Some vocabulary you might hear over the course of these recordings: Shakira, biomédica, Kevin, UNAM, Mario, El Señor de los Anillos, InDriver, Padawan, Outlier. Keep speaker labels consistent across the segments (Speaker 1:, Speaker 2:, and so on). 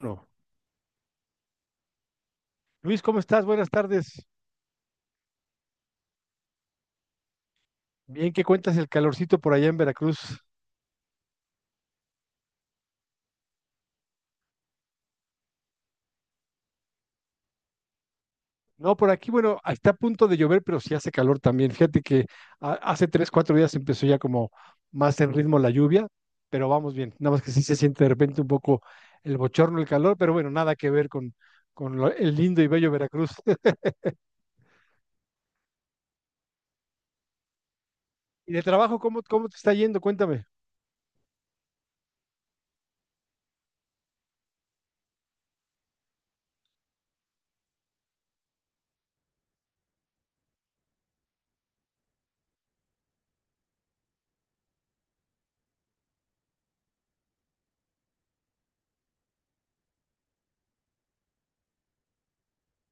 Speaker 1: No. Luis, ¿cómo estás? Buenas tardes. Bien, ¿qué cuentas el calorcito por allá en Veracruz? No, por aquí, bueno, está a punto de llover, pero sí hace calor también. Fíjate que hace tres, cuatro días empezó ya como más en ritmo la lluvia, pero vamos bien. Nada más que sí se siente de repente un poco el bochorno, el calor, pero bueno, nada que ver con el lindo y bello Veracruz. ¿Y de trabajo, cómo, cómo te está yendo? Cuéntame.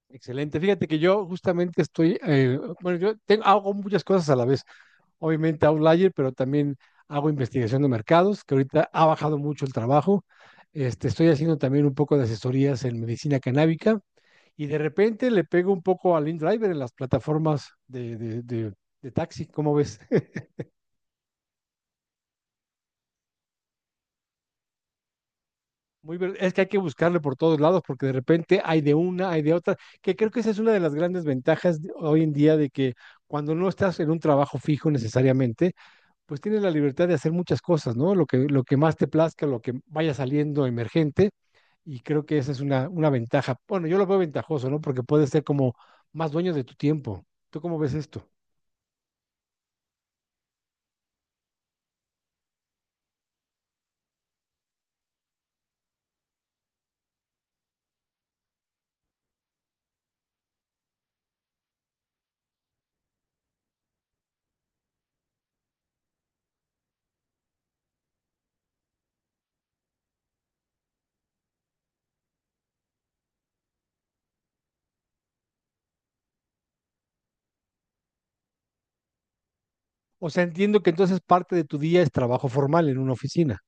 Speaker 1: Excelente. Fíjate que yo justamente estoy, bueno, yo tengo, hago muchas cosas a la vez, obviamente Outlier, pero también hago investigación de mercados, que ahorita ha bajado mucho el trabajo. Este, estoy haciendo también un poco de asesorías en medicina canábica y de repente le pego un poco al InDriver en las plataformas de taxi, ¿cómo ves? Es que hay que buscarle por todos lados porque de repente hay de una, hay de otra, que creo que esa es una de las grandes ventajas hoy en día de que cuando no estás en un trabajo fijo necesariamente, pues tienes la libertad de hacer muchas cosas, ¿no? Lo que más te plazca, lo que vaya saliendo emergente, y creo que esa es una ventaja. Bueno, yo lo veo ventajoso, ¿no? Porque puedes ser como más dueño de tu tiempo. ¿Tú cómo ves esto? O sea, entiendo que entonces parte de tu día es trabajo formal en una oficina.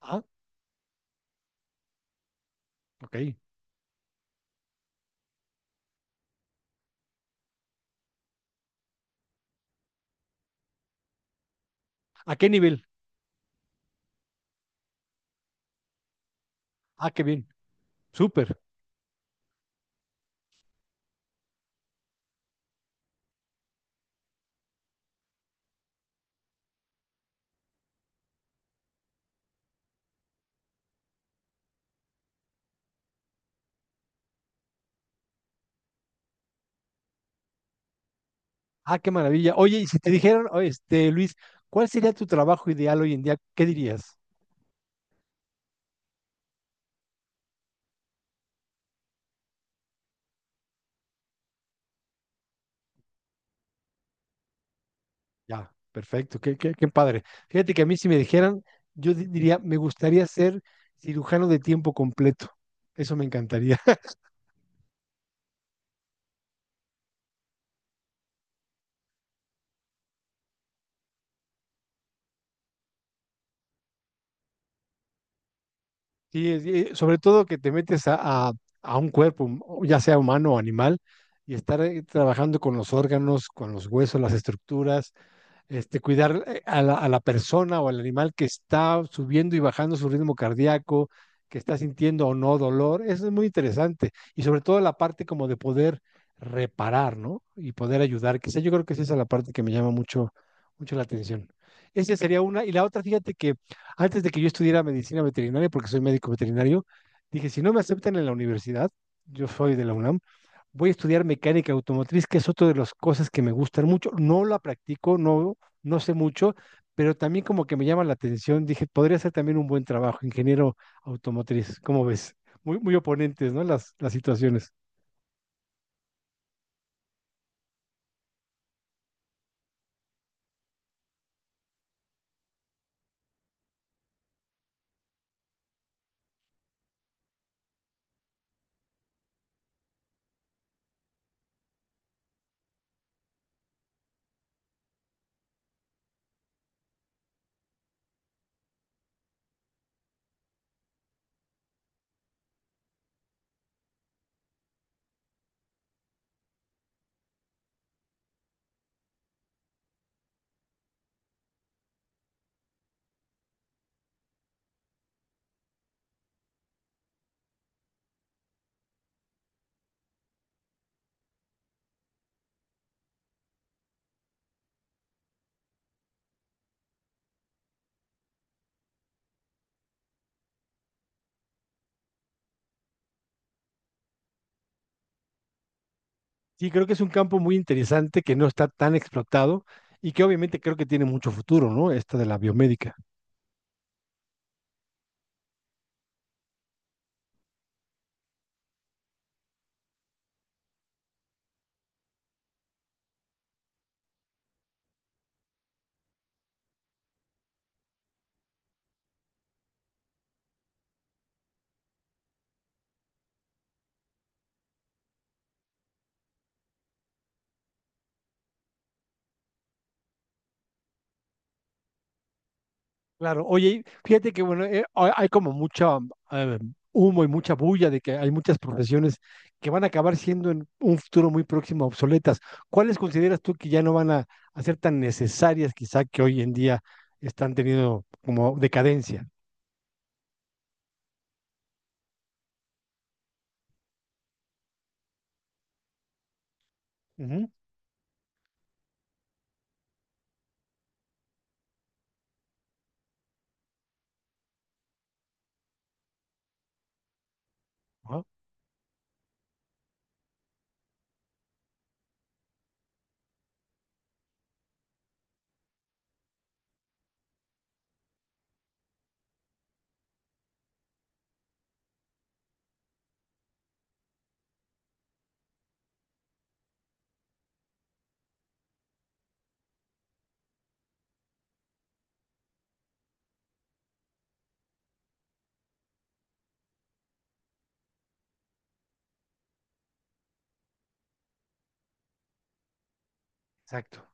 Speaker 1: Ah, ok. ¿A qué nivel? Ah, qué bien. Súper. Ah, qué maravilla. Oye, y si te dijeran, oh, este, Luis, ¿cuál sería tu trabajo ideal hoy en día? ¿Qué dirías? Ya, perfecto, qué padre. Fíjate que a mí si me dijeran, yo diría, me gustaría ser cirujano de tiempo completo. Eso me encantaría. Sí, sobre todo que te metes a un cuerpo, o ya sea humano o animal, y estar trabajando con los órganos, con los huesos, las estructuras, este, cuidar a la persona o al animal que está subiendo y bajando su ritmo cardíaco, que está sintiendo o no dolor. Eso es muy interesante. Y sobre todo la parte como de poder reparar, ¿no? Y poder ayudar. Quizá yo creo que es esa la parte que me llama mucho, mucho la atención. Esa sería una. Y la otra, fíjate que antes de que yo estudiara medicina veterinaria, porque soy médico veterinario, dije, si no me aceptan en la universidad, yo soy de la UNAM, voy a estudiar mecánica automotriz, que es otra de las cosas que me gustan mucho. No la practico, no, no sé mucho, pero también como que me llama la atención. Dije, podría ser también un buen trabajo, ingeniero automotriz. ¿Cómo ves? Muy, muy oponentes, ¿no? Las situaciones. Sí, creo que es un campo muy interesante que no está tan explotado y que obviamente creo que tiene mucho futuro, ¿no? Esta de la biomédica. Claro, oye, y fíjate que bueno, hay como mucha eh, humo y mucha bulla de que hay muchas profesiones que van a acabar siendo en un futuro muy próximo obsoletas. ¿Cuáles consideras tú que ya no van a ser tan necesarias quizá que hoy en día están teniendo como decadencia? Ujú, ajá, exacto.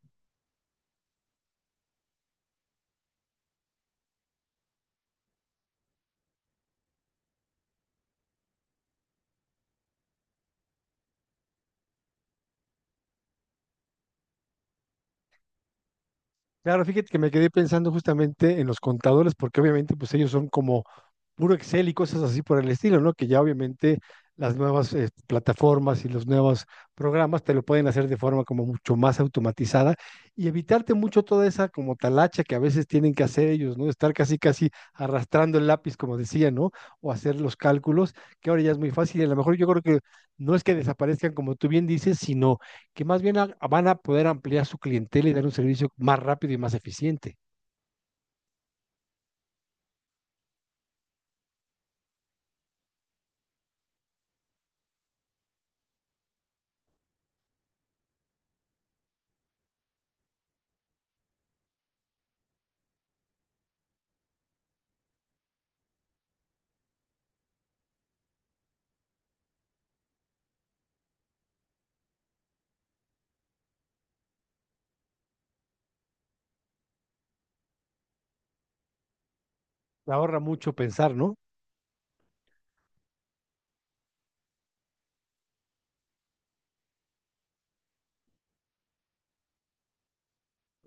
Speaker 1: Claro, fíjate que me quedé pensando justamente en los contadores, porque obviamente pues ellos son como puro Excel y cosas así por el estilo, ¿no? Que ya obviamente las nuevas plataformas y los nuevos programas te lo pueden hacer de forma como mucho más automatizada y evitarte mucho toda esa como talacha que a veces tienen que hacer ellos, ¿no? Estar casi casi arrastrando el lápiz, como decía, ¿no? O hacer los cálculos, que ahora ya es muy fácil y a lo mejor yo creo que no es que desaparezcan como tú bien dices, sino que más bien van a poder ampliar su clientela y dar un servicio más rápido y más eficiente. Te ahorra mucho pensar, ¿no?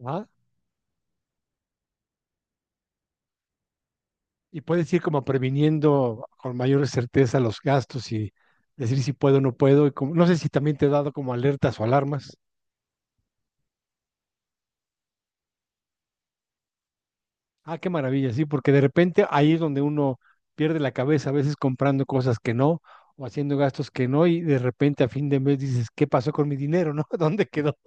Speaker 1: Ajá. Y puedes ir como previniendo con mayor certeza los gastos y decir si puedo o no puedo. Y no sé si también te he dado como alertas o alarmas. Ah, qué maravilla, sí, porque de repente ahí es donde uno pierde la cabeza, a veces comprando cosas que no o haciendo gastos que no y de repente a fin de mes dices, ¿qué pasó con mi dinero, no? ¿Dónde quedó?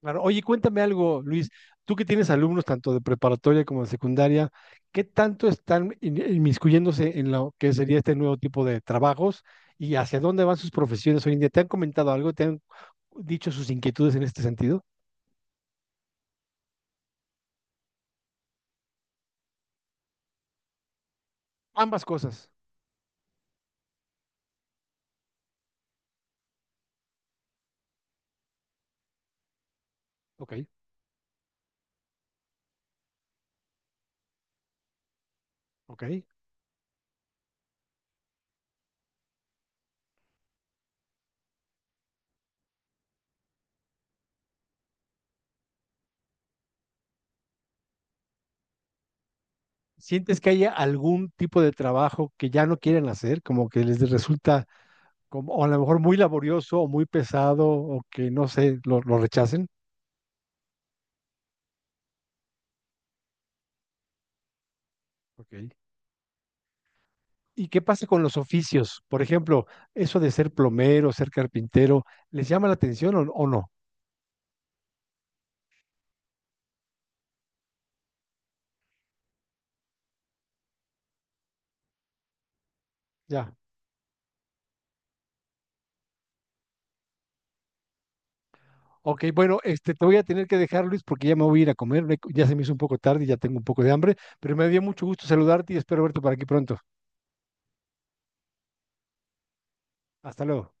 Speaker 1: Claro. Oye, cuéntame algo, Luis. Tú que tienes alumnos tanto de preparatoria como de secundaria, ¿qué tanto están inmiscuyéndose en lo que sería este nuevo tipo de trabajos y hacia dónde van sus profesiones hoy en día? ¿Te han comentado algo? ¿Te han dicho sus inquietudes en este sentido? Ambas cosas. Ok, ok. ¿Sientes que haya algún tipo de trabajo que ya no quieren hacer, como que les resulta como, o a lo mejor muy laborioso o muy pesado o que no sé, lo rechacen? Ok. ¿Y qué pasa con los oficios? Por ejemplo, eso de ser plomero, ser carpintero, ¿les llama la atención o no? Ya. Ok, bueno, este, te voy a tener que dejar, Luis, porque ya me voy a ir a comer. Ya se me hizo un poco tarde y ya tengo un poco de hambre, pero me dio mucho gusto saludarte y espero verte por aquí pronto. Hasta luego.